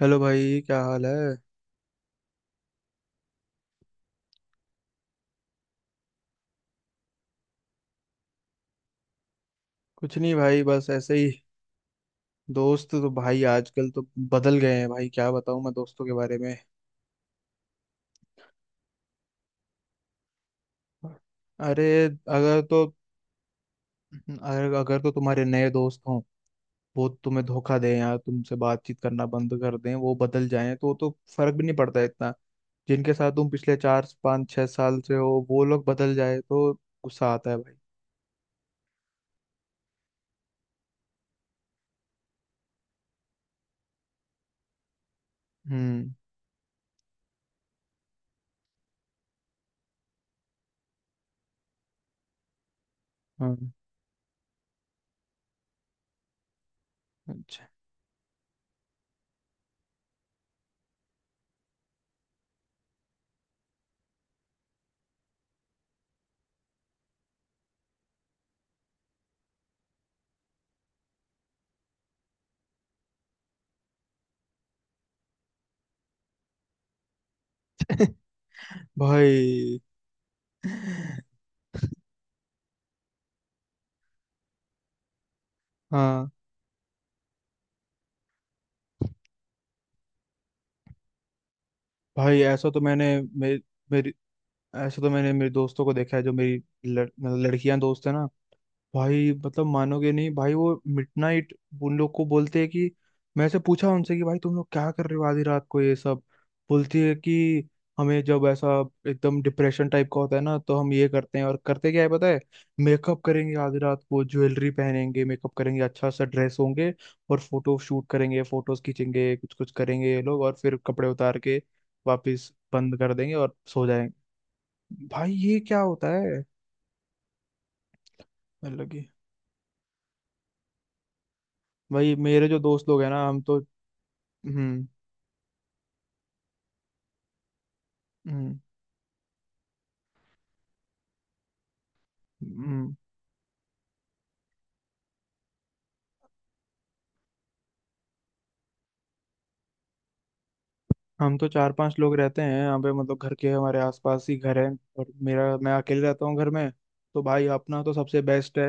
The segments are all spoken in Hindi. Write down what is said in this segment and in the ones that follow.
हेलो भाई, क्या हाल है। कुछ नहीं भाई, बस ऐसे ही। दोस्त तो भाई आजकल तो बदल गए हैं भाई, क्या बताऊं मैं दोस्तों के बारे में। अरे, अगर तो तुम्हारे नए दोस्त हों, वो तुम्हें धोखा दें या तुमसे बातचीत करना बंद कर दें, वो बदल जाएं तो फर्क भी नहीं पड़ता इतना। जिनके साथ तुम पिछले 4 5 6 साल से हो, वो लोग बदल जाए तो गुस्सा आता है भाई। हम्म। हाँ। अच्छा। भाई। हाँ भाई, ऐसा तो मैंने मेरी मेरी ऐसा तो मैंने मेरे दोस्तों को देखा है, जो मेरी मतलब लड़कियां दोस्त है ना। भाई मतलब मानोगे नहीं भाई, वो मिडनाइट उन लोग को बोलते हैं कि मैं से पूछा उनसे कि भाई तुम लोग क्या कर रहे हो आधी रात को ये सब। बोलती है कि हमें जब ऐसा एकदम डिप्रेशन टाइप का होता है ना, तो हम ये करते हैं। और करते क्या है पता है? मेकअप करेंगे, आधी रात को ज्वेलरी पहनेंगे, मेकअप करेंगे, अच्छा सा ड्रेस होंगे और फोटो शूट करेंगे, फोटोज खींचेंगे, कुछ कुछ करेंगे ये लोग। और फिर कपड़े उतार के वापस बंद कर देंगे और सो जाएंगे। भाई ये क्या होता है? मतलब कि भाई मेरे जो दोस्त लोग हैं ना, हम तो। हम्म। हम्म। हम्म। हम तो चार पांच लोग रहते हैं यहाँ पे, मतलब घर के हमारे आसपास ही घर है। और मेरा, मैं अकेले रहता हूँ घर में। तो भाई अपना तो सबसे बेस्ट है।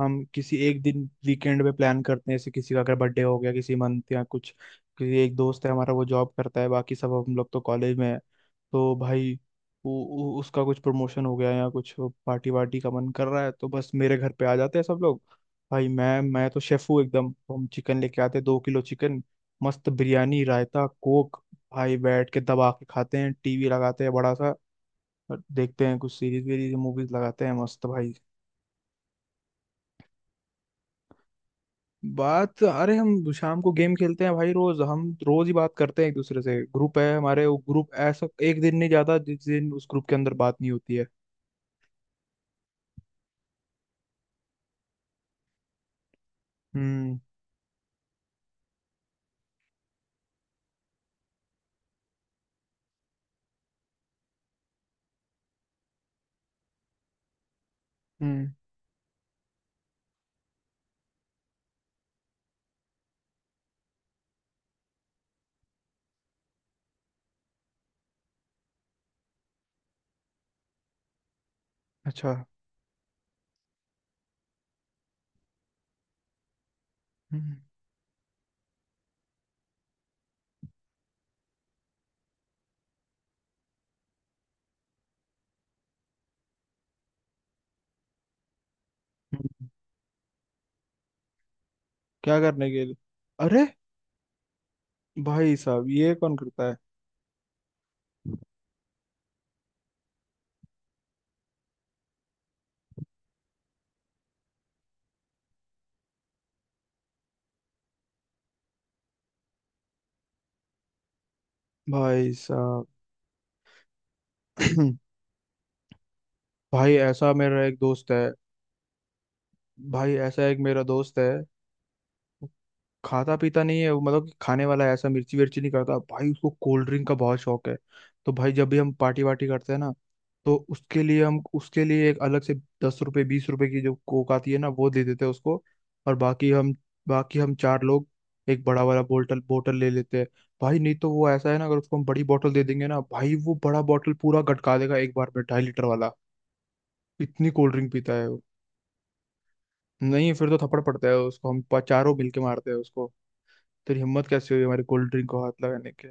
हम किसी एक दिन वीकेंड पे प्लान करते हैं, जैसे किसी का अगर बर्थडे हो गया किसी मंथ या कुछ। किसी एक दोस्त है हमारा, वो जॉब करता है, बाकी सब हम लोग तो कॉलेज में है। तो भाई, उसका कुछ प्रमोशन हो गया या कुछ पार्टी वार्टी का मन कर रहा है, तो बस मेरे घर पे आ जाते हैं सब लोग। भाई मैं तो शेफ हूँ एकदम। तो हम चिकन लेके आते हैं, 2 किलो चिकन, मस्त बिरयानी, रायता, कोक। भाई बैठ के दबा के खाते हैं, टीवी लगाते हैं बड़ा सा, और देखते हैं कुछ सीरीज वीरीज, मूवीज लगाते हैं। मस्त भाई। बात अरे, हम शाम को गेम खेलते हैं भाई रोज। हम रोज ही बात करते हैं एक दूसरे से। ग्रुप है हमारे, वो ग्रुप ऐसा, एक दिन नहीं जाता जिस दिन उस ग्रुप के अंदर बात नहीं होती है। हम्म। हम्म। अच्छा। हम्म। हम्म। क्या करने के लिए? अरे, भाई साहब ये कौन करता है। भाई साहब। भाई ऐसा मेरा एक दोस्त है। भाई ऐसा एक मेरा दोस्त है। खाता पीता नहीं है वो, मतलब कि खाने वाला है ऐसा, मिर्ची विर्ची नहीं करता भाई। उसको कोल्ड ड्रिंक का बहुत शौक है। तो भाई जब भी हम पार्टी वार्टी करते हैं ना, तो उसके लिए हम, उसके लिए एक अलग से 10 रुपए 20 रुपए की जो कोक आती है ना, वो दे देते हैं उसको। और बाकी हम, बाकी हम चार लोग एक बड़ा वाला बोतल बोतल ले लेते हैं। भाई नहीं तो वो ऐसा है ना, अगर उसको हम बड़ी बोतल दे देंगे ना भाई, वो बड़ा बोतल पूरा गटका देगा एक बार में, 2.5 लीटर वाला। इतनी कोल्ड ड्रिंक पीता है वो। नहीं, फिर तो थप्पड़ पड़ता है उसको, हम चारों मिलके मारते हैं उसको। तेरी हिम्मत कैसे हुई हमारी कोल्ड ड्रिंक को हाथ लगाने के।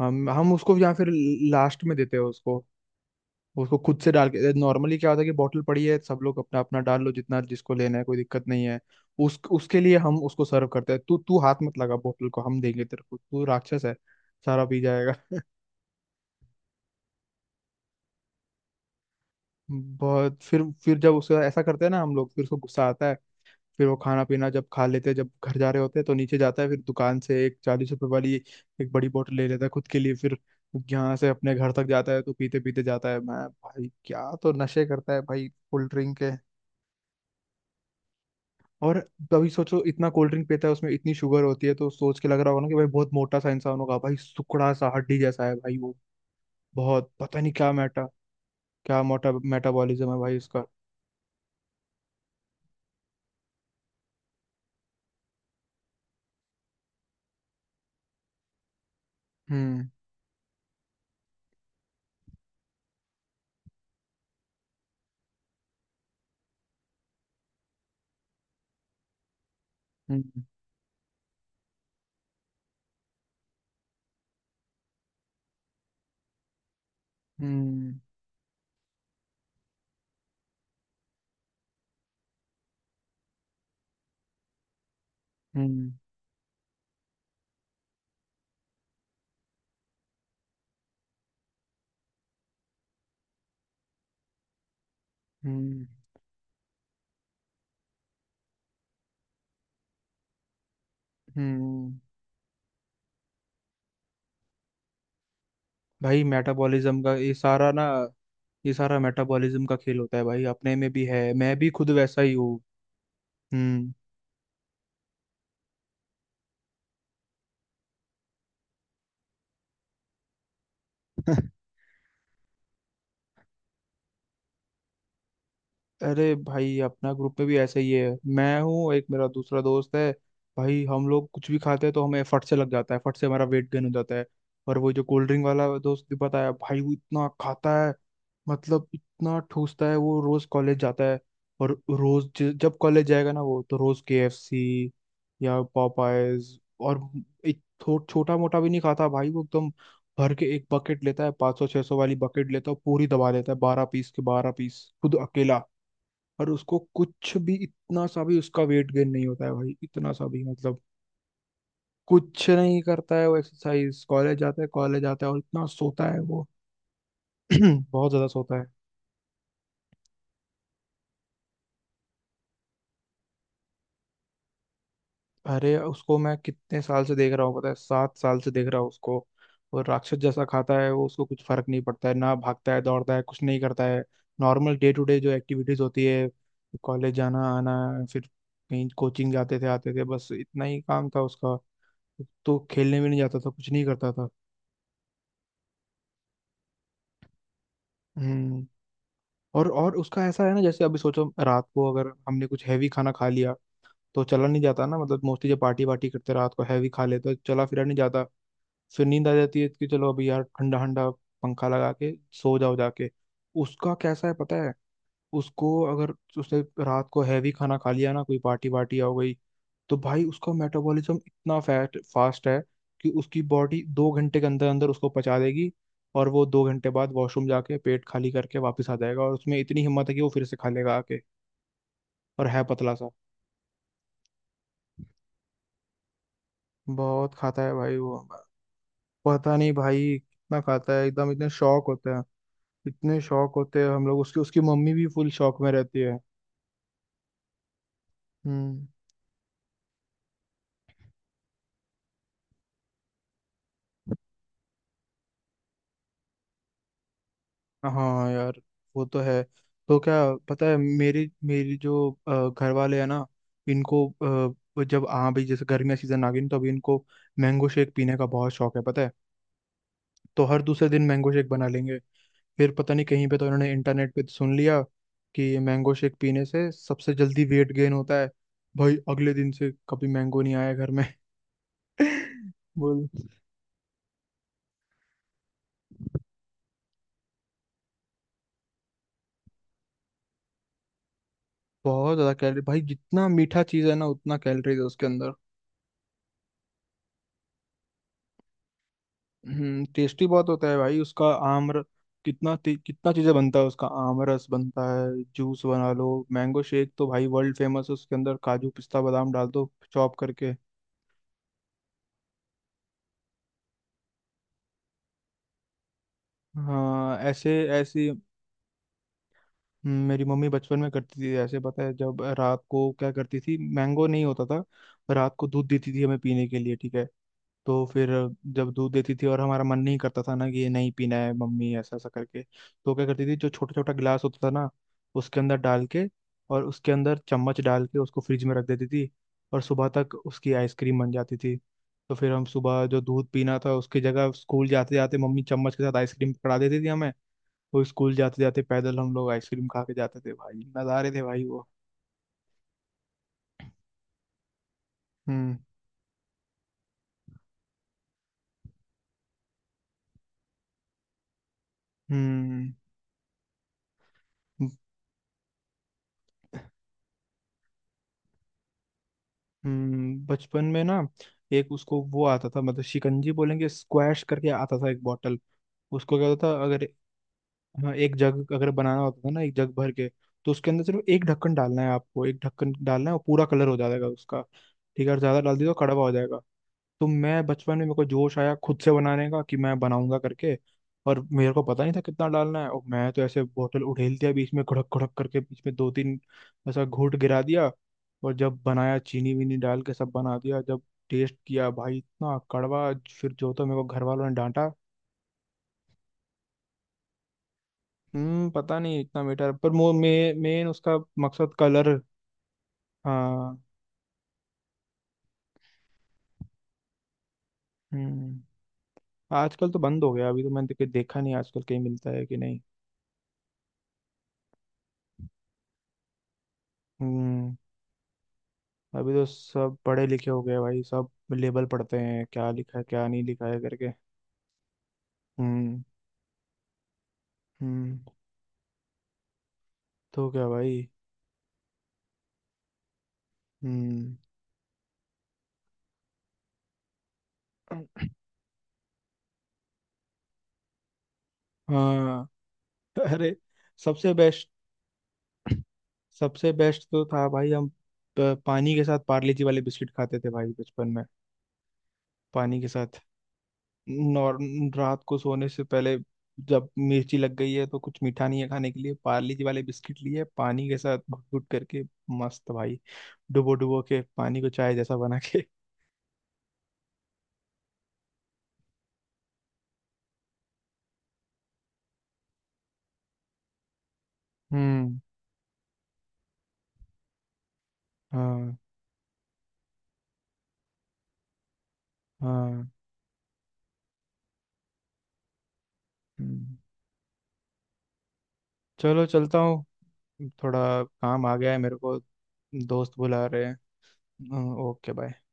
हम उसको या फिर लास्ट में देते हैं उसको। उसको खुद से डाल के नॉर्मली क्या होता है कि बॉटल पड़ी है, सब लोग अपना अपना डाल लो, जितना जिसको लेना है कोई दिक्कत नहीं है। उस उसके लिए हम उसको सर्व करते हैं। तू तू हाथ मत लगा बॉटल को, हम देंगे तेरे को, तू राक्षस है, सारा पी जाएगा। बहुत फिर जब उसका ऐसा करते हैं ना हम लोग, फिर उसको गुस्सा आता है। फिर वो खाना पीना जब खा लेते हैं, जब घर जा रहे होते हैं, तो नीचे जाता है, फिर दुकान से एक 40 रुपए वाली एक बड़ी बोतल ले लेता है खुद के लिए। फिर यहाँ से अपने घर तक जाता है तो पीते पीते जाता है। मैं, भाई क्या तो नशे करता है भाई कोल्ड ड्रिंक के। और तभी सोचो, इतना कोल्ड ड्रिंक पीता है उसमें इतनी शुगर होती है, तो सोच के लग रहा होगा ना कि भाई बहुत मोटा सा इंसान होगा। भाई सुकड़ा सा हड्डी जैसा है भाई वो। बहुत, पता नहीं क्या मोटा मेटाबॉलिज्म है भाई उसका। हम्म। हम्म। हम्म। हम्म। हम्म। हम्म। भाई मेटाबॉलिज्म का ये सारा ना, ये सारा मेटाबॉलिज्म का खेल होता है भाई। अपने में भी है, मैं भी खुद वैसा ही हूँ। हम्म। अरे भाई, अपना ग्रुप में भी ऐसा ही है। मैं हूँ एक, मेरा दूसरा दोस्त है। भाई हम लोग कुछ भी खाते हैं तो हमें फट से लग जाता है, फट से हमारा वेट गेन हो जाता है। और वो जो कोल्ड ड्रिंक वाला दोस्त भी बताया भाई, वो इतना खाता है, मतलब इतना ठूसता है। वो रोज कॉलेज जाता है, और रोज जब कॉलेज जाएगा ना वो, तो रोज केएफसी या पॉपाइज, और एक छोटा मोटा भी नहीं खाता भाई वो एकदम। भर के एक बकेट लेता है, 500 600 वाली बकेट लेता है, पूरी दबा लेता है, 12 पीस के 12 पीस खुद अकेला। और उसको कुछ भी, इतना सा भी उसका वेट गेन नहीं होता है भाई, इतना सा भी मतलब। कुछ नहीं करता है वो एक्सरसाइज, कॉलेज जाता है कॉलेज आता है, और इतना सोता है वो। बहुत ज्यादा सोता है। अरे उसको मैं कितने साल से देख रहा हूँ पता है, 7 साल से देख रहा हूँ उसको। वो राक्षस जैसा खाता है, वो, उसको कुछ फर्क नहीं पड़ता है ना। भागता है, दौड़ता है, कुछ नहीं करता है। नॉर्मल डे टू डे जो एक्टिविटीज होती है, कॉलेज जाना आना, फिर कहीं कोचिंग जाते थे आते थे, बस इतना ही काम था उसका। तो खेलने भी नहीं जाता था, कुछ नहीं करता था। हम्म। और उसका ऐसा है ना, जैसे अभी सोचो रात को अगर हमने कुछ हैवी खाना खा लिया तो चला नहीं जाता ना। मतलब मोस्टली जब पार्टी वार्टी करते रात को, हैवी खा लेते तो चला फिरा नहीं जाता। फिर नींद आ जाती है कि चलो अभी यार ठंडा ठंडा, पंखा लगा के सो जाओ जाके। उसका कैसा है पता है, उसको अगर उसने रात को हैवी खाना खा लिया ना, कोई पार्टी वार्टी हो गई, तो भाई उसका मेटाबॉलिज्म इतना फैट फास्ट है कि उसकी बॉडी 2 घंटे के अंदर अंदर उसको पचा देगी। और वो 2 घंटे बाद वॉशरूम जाके पेट खाली करके वापस आ जाएगा, और उसमें इतनी हिम्मत है कि वो फिर से खा लेगा आके। और है पतला सा। बहुत खाता है भाई वो, पता नहीं भाई कितना खाता है एकदम। इतने शौक होते हैं, इतने शौक होते हैं हम लोग। उसकी, उसकी मम्मी भी फुल शौक में रहती है। हम्म। हाँ यार, वो तो है। तो क्या, पता है मेरी, मेरी जो घर वाले हैं ना, इनको वो जब आ भी, जैसे गर्मी का सीजन आ गई ना, तो अभी इनको मैंगो शेक पीने का बहुत शौक है पता है। तो हर दूसरे दिन मैंगो शेक बना लेंगे। फिर पता नहीं कहीं पे तो इन्होंने इंटरनेट पे सुन लिया कि मैंगो शेक पीने से सबसे जल्दी वेट गेन होता है। भाई अगले दिन से कभी मैंगो नहीं आया घर में। बोल। बहुत ज्यादा कैलोरी भाई, जितना मीठा चीज है ना उतना कैलोरीज है उसके अंदर। टेस्टी बहुत होता है भाई उसका। कितना चीजें बनता है उसका। आम रस बनता है, जूस बना लो, मैंगो शेक तो भाई वर्ल्ड फेमस है, उसके अंदर काजू पिस्ता बादाम डाल दो चॉप करके। हाँ, ऐसे ऐसी। मेरी मम्मी बचपन में करती थी ऐसे पता है। जब रात को क्या करती थी, मैंगो नहीं होता था, रात को दूध देती थी हमें पीने के लिए, ठीक है। तो फिर जब दूध देती थी और हमारा मन नहीं करता था ना कि ये नहीं पीना है मम्मी, ऐसा ऐसा करके, तो क्या करती थी जो छोटा छोटा गिलास होता था ना, उसके अंदर डाल के, और उसके अंदर चम्मच डाल के उसको फ्रिज में रख देती थी। और सुबह तक उसकी आइसक्रीम बन जाती थी। तो फिर हम सुबह जो दूध पीना था उसकी जगह, स्कूल जाते जाते मम्मी चम्मच के साथ आइसक्रीम पकड़ा देती थी हमें। वो स्कूल जाते जाते पैदल हम लोग आइसक्रीम खा के जाते थे भाई। नज़ारे थे भाई वो। हम्म। हम्म। हम्म। बचपन में ना एक, उसको वो आता था, मतलब शिकंजी बोलेंगे, स्क्वैश करके आता था एक बॉटल। उसको क्या होता था, अगर, हाँ, एक जग अगर बनाना होता था ना एक जग भर के, तो उसके अंदर सिर्फ एक ढक्कन डालना है आपको, एक ढक्कन डालना है और पूरा कलर हो जाएगा उसका, ठीक है। और ज्यादा डाल दिया तो कड़वा हो जाएगा। तो मैं बचपन में, मेरे को जोश आया खुद से बनाने का कि मैं बनाऊंगा करके। और मेरे को पता नहीं था कितना डालना है, और मैं तो ऐसे बोतल उठेल दिया बीच में घुड़क घुड़क करके, बीच में दो तीन ऐसा घूंट गिरा दिया। और जब बनाया, चीनी वीनी डाल के सब बना दिया, जब टेस्ट किया भाई, इतना कड़वा। फिर जो तो मेरे को घर वालों ने डांटा। हम्म, पता नहीं इतना मीठा, पर मेन उसका मकसद कलर। हाँ। हम्म। आजकल तो बंद हो गया, अभी तो मैंने देखा नहीं आजकल कहीं मिलता है कि नहीं। हम्म। अभी तो सब पढ़े लिखे हो गए भाई, सब लेबल पढ़ते हैं क्या लिखा है क्या नहीं लिखा है करके। हम्म। हम्म। तो क्या भाई। हम्म। हाँ। अरे, सबसे बेस्ट, सबसे बेस्ट तो था भाई, हम पानी के साथ पार्ले जी वाले बिस्किट खाते थे भाई बचपन में। पानी के साथ। नॉर रात को सोने से पहले, जब मिर्ची लग गई है तो कुछ मीठा नहीं है खाने के लिए, पार्ले जी वाले बिस्किट लिए पानी के साथ, घुट घुट करके। मस्त भाई। डुबो डुबो के, पानी को चाय जैसा बना के। हम्म। हाँ। हाँ। हम्म। चलो, चलता हूँ, थोड़ा काम आ गया है मेरे को, दोस्त बुला रहे हैं। Okay, bye.